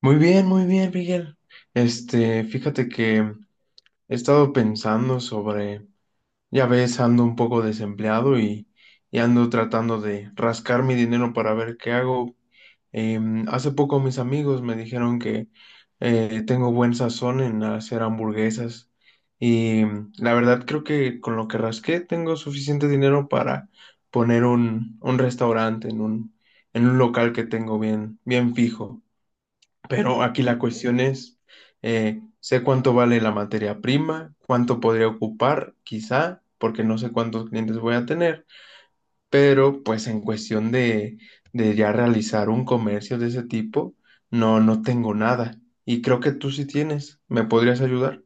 Muy bien, Miguel. Fíjate que he estado pensando sobre, ya ves, ando un poco desempleado y ando tratando de rascar mi dinero para ver qué hago. Hace poco mis amigos me dijeron que tengo buen sazón en hacer hamburguesas y la verdad creo que con lo que rasqué tengo suficiente dinero para poner un restaurante en un local que tengo bien, bien fijo. Pero aquí la cuestión es, sé cuánto vale la materia prima, cuánto podría ocupar, quizá, porque no sé cuántos clientes voy a tener, pero pues en cuestión de ya realizar un comercio de ese tipo, no, no tengo nada. Y creo que tú sí tienes, ¿me podrías ayudar?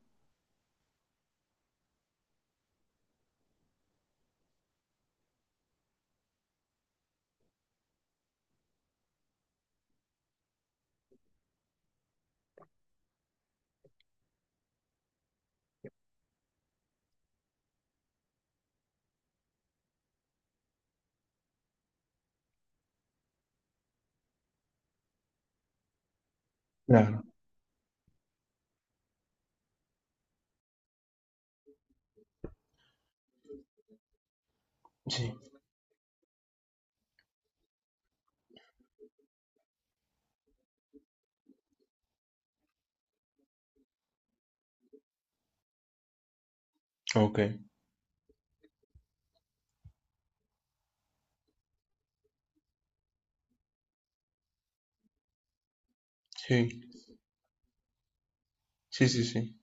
Claro, sí, ok, sí, sí, sí, sí.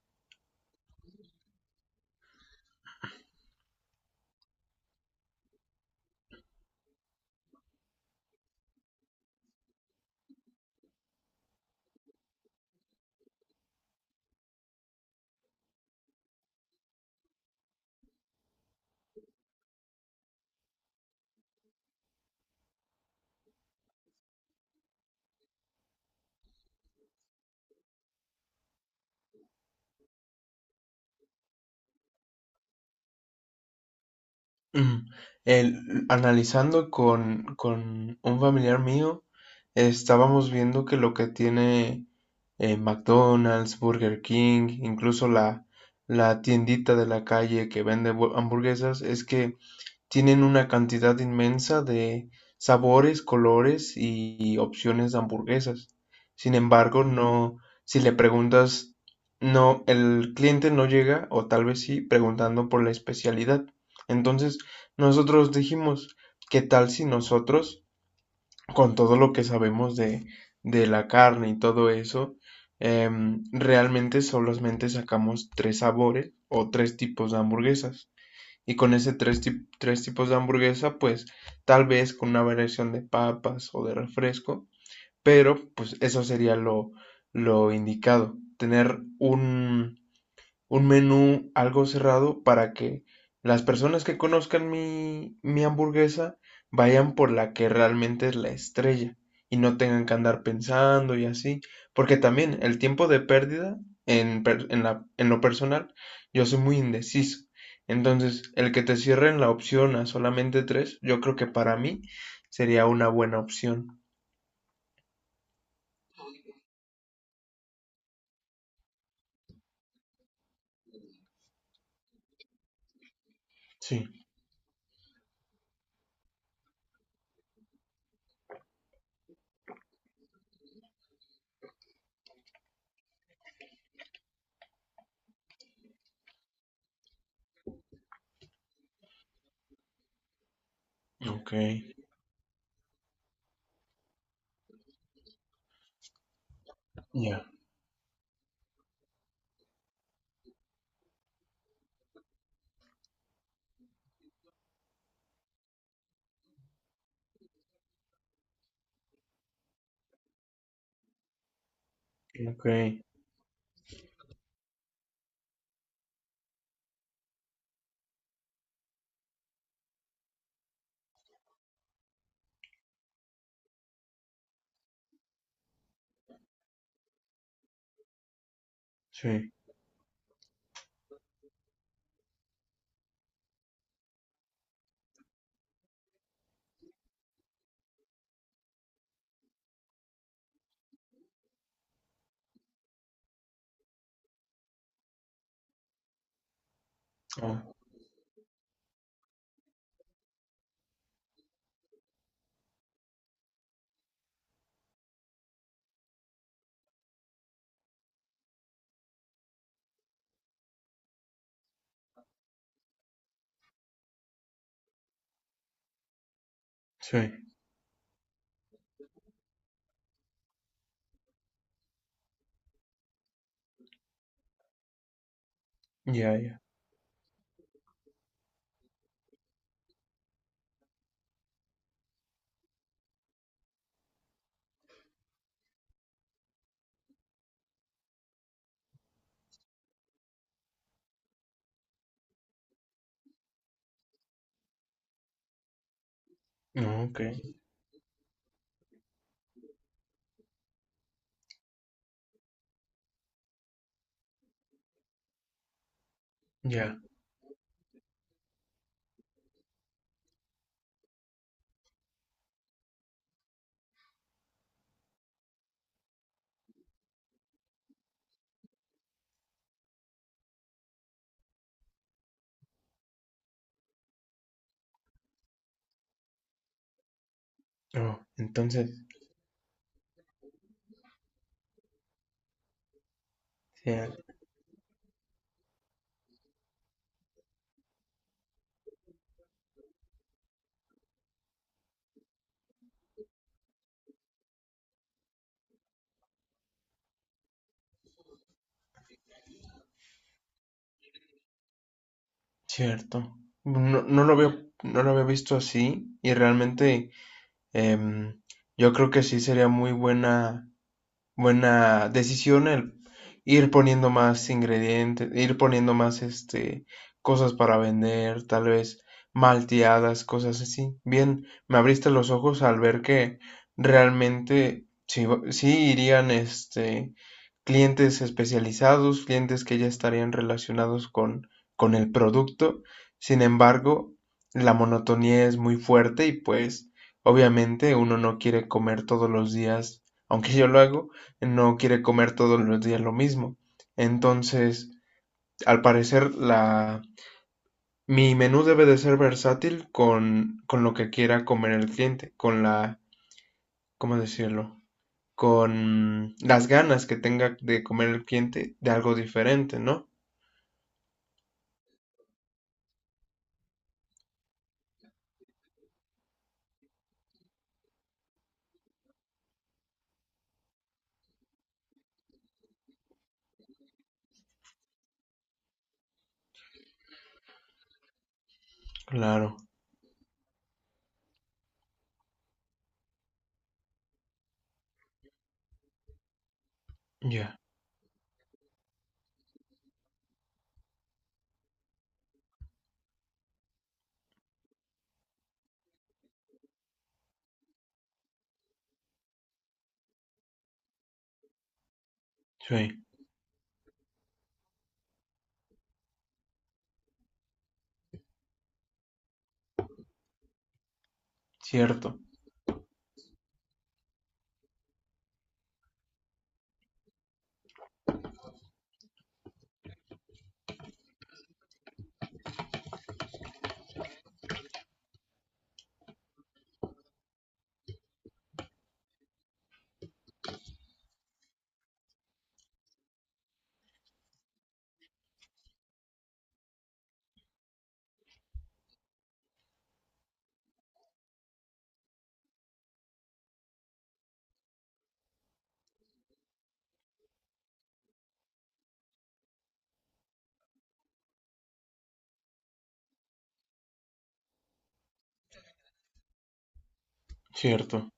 Ujú. Analizando con un familiar mío, estábamos viendo que lo que tiene McDonald's, Burger King, incluso la tiendita de la calle que vende hamburguesas, es que tienen una cantidad inmensa de sabores, colores y opciones de hamburguesas. Sin embargo, no, si le preguntas, no, el cliente no llega, o tal vez sí, preguntando por la especialidad. Entonces, nosotros dijimos, ¿qué tal si nosotros, con todo lo que sabemos de la carne y todo eso, realmente solamente sacamos tres sabores o tres tipos de hamburguesas? Y con ese tres tipos de hamburguesa, pues tal vez con una variación de papas o de refresco, pero pues eso sería lo indicado, tener un menú algo cerrado para que las personas que conozcan mi hamburguesa vayan por la que realmente es la estrella y no tengan que andar pensando y así, porque también el tiempo de pérdida en lo personal, yo soy muy indeciso. Entonces, el que te cierren la opción a solamente tres, yo creo que para mí sería una buena opción. Sí, ok, ya, ok, sí, ah, sí, ya, ya, no, ok, ya. Oh, entonces, sea cierto. No, no lo había, no lo había visto así y realmente em, yo creo que sí sería muy buena decisión el ir poniendo más ingredientes, ir poniendo más cosas para vender, tal vez malteadas, cosas así. Bien, me abriste los ojos al ver que realmente sí, sí irían clientes especializados, clientes que ya estarían relacionados con el producto. Sin embargo, la monotonía es muy fuerte y pues obviamente uno no quiere comer todos los días, aunque yo lo hago, no quiere comer todos los días lo mismo. Entonces, al parecer, la, mi menú debe de ser versátil con lo que quiera comer el cliente, con la, ¿cómo decirlo? Con las ganas que tenga de comer el cliente de algo diferente, ¿no? Claro, ya, sí, cierto, cierto,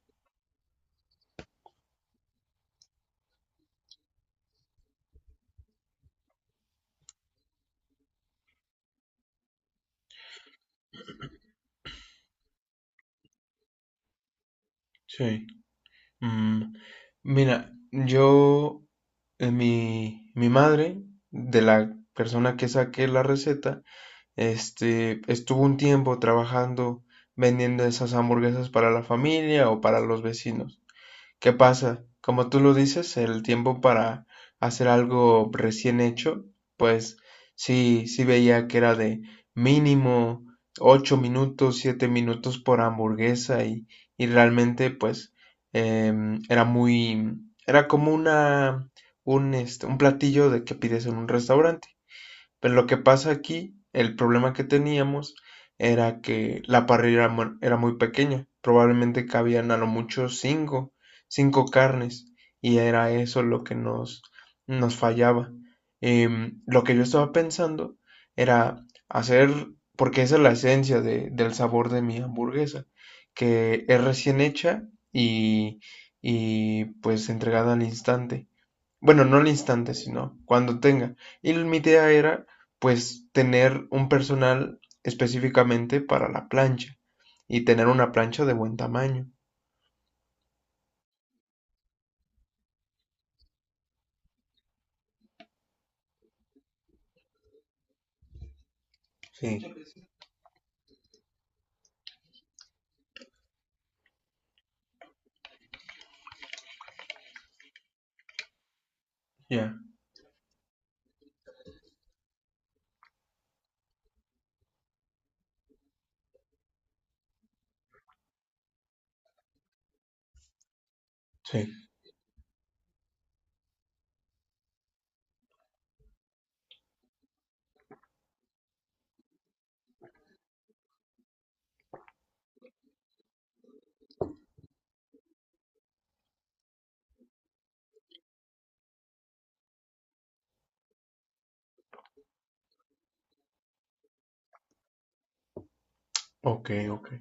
sí. Mm, Mira, mi madre, de la persona que saqué la receta, estuvo un tiempo trabajando vendiendo esas hamburguesas para la familia o para los vecinos. ¿Qué pasa? Como tú lo dices, el tiempo para hacer algo recién hecho, pues sí, sí veía que era de mínimo 8 minutos, 7 minutos por hamburguesa y realmente pues em, era muy, era como un platillo de que pides en un restaurante. Pero lo que pasa aquí, el problema que teníamos era que la parrilla era muy pequeña, probablemente cabían a lo mucho cinco carnes, y era eso lo que nos fallaba. Lo que yo estaba pensando era hacer, porque esa es la esencia de- del sabor de mi hamburguesa, que es recién hecha y, y pues entregada al instante. Bueno, no al instante, sino cuando tenga. Y mi idea era, pues, tener un personal específicamente para la plancha y tener una plancha de buen tamaño. Sí, ya, sí, ok, ok.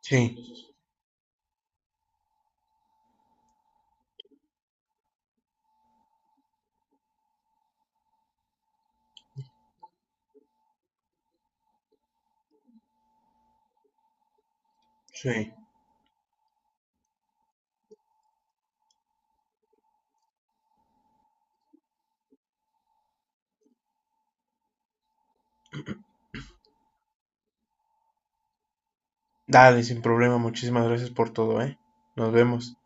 Sí, sí. Dale, sin problema. Muchísimas gracias por todo, ¿eh? Nos vemos.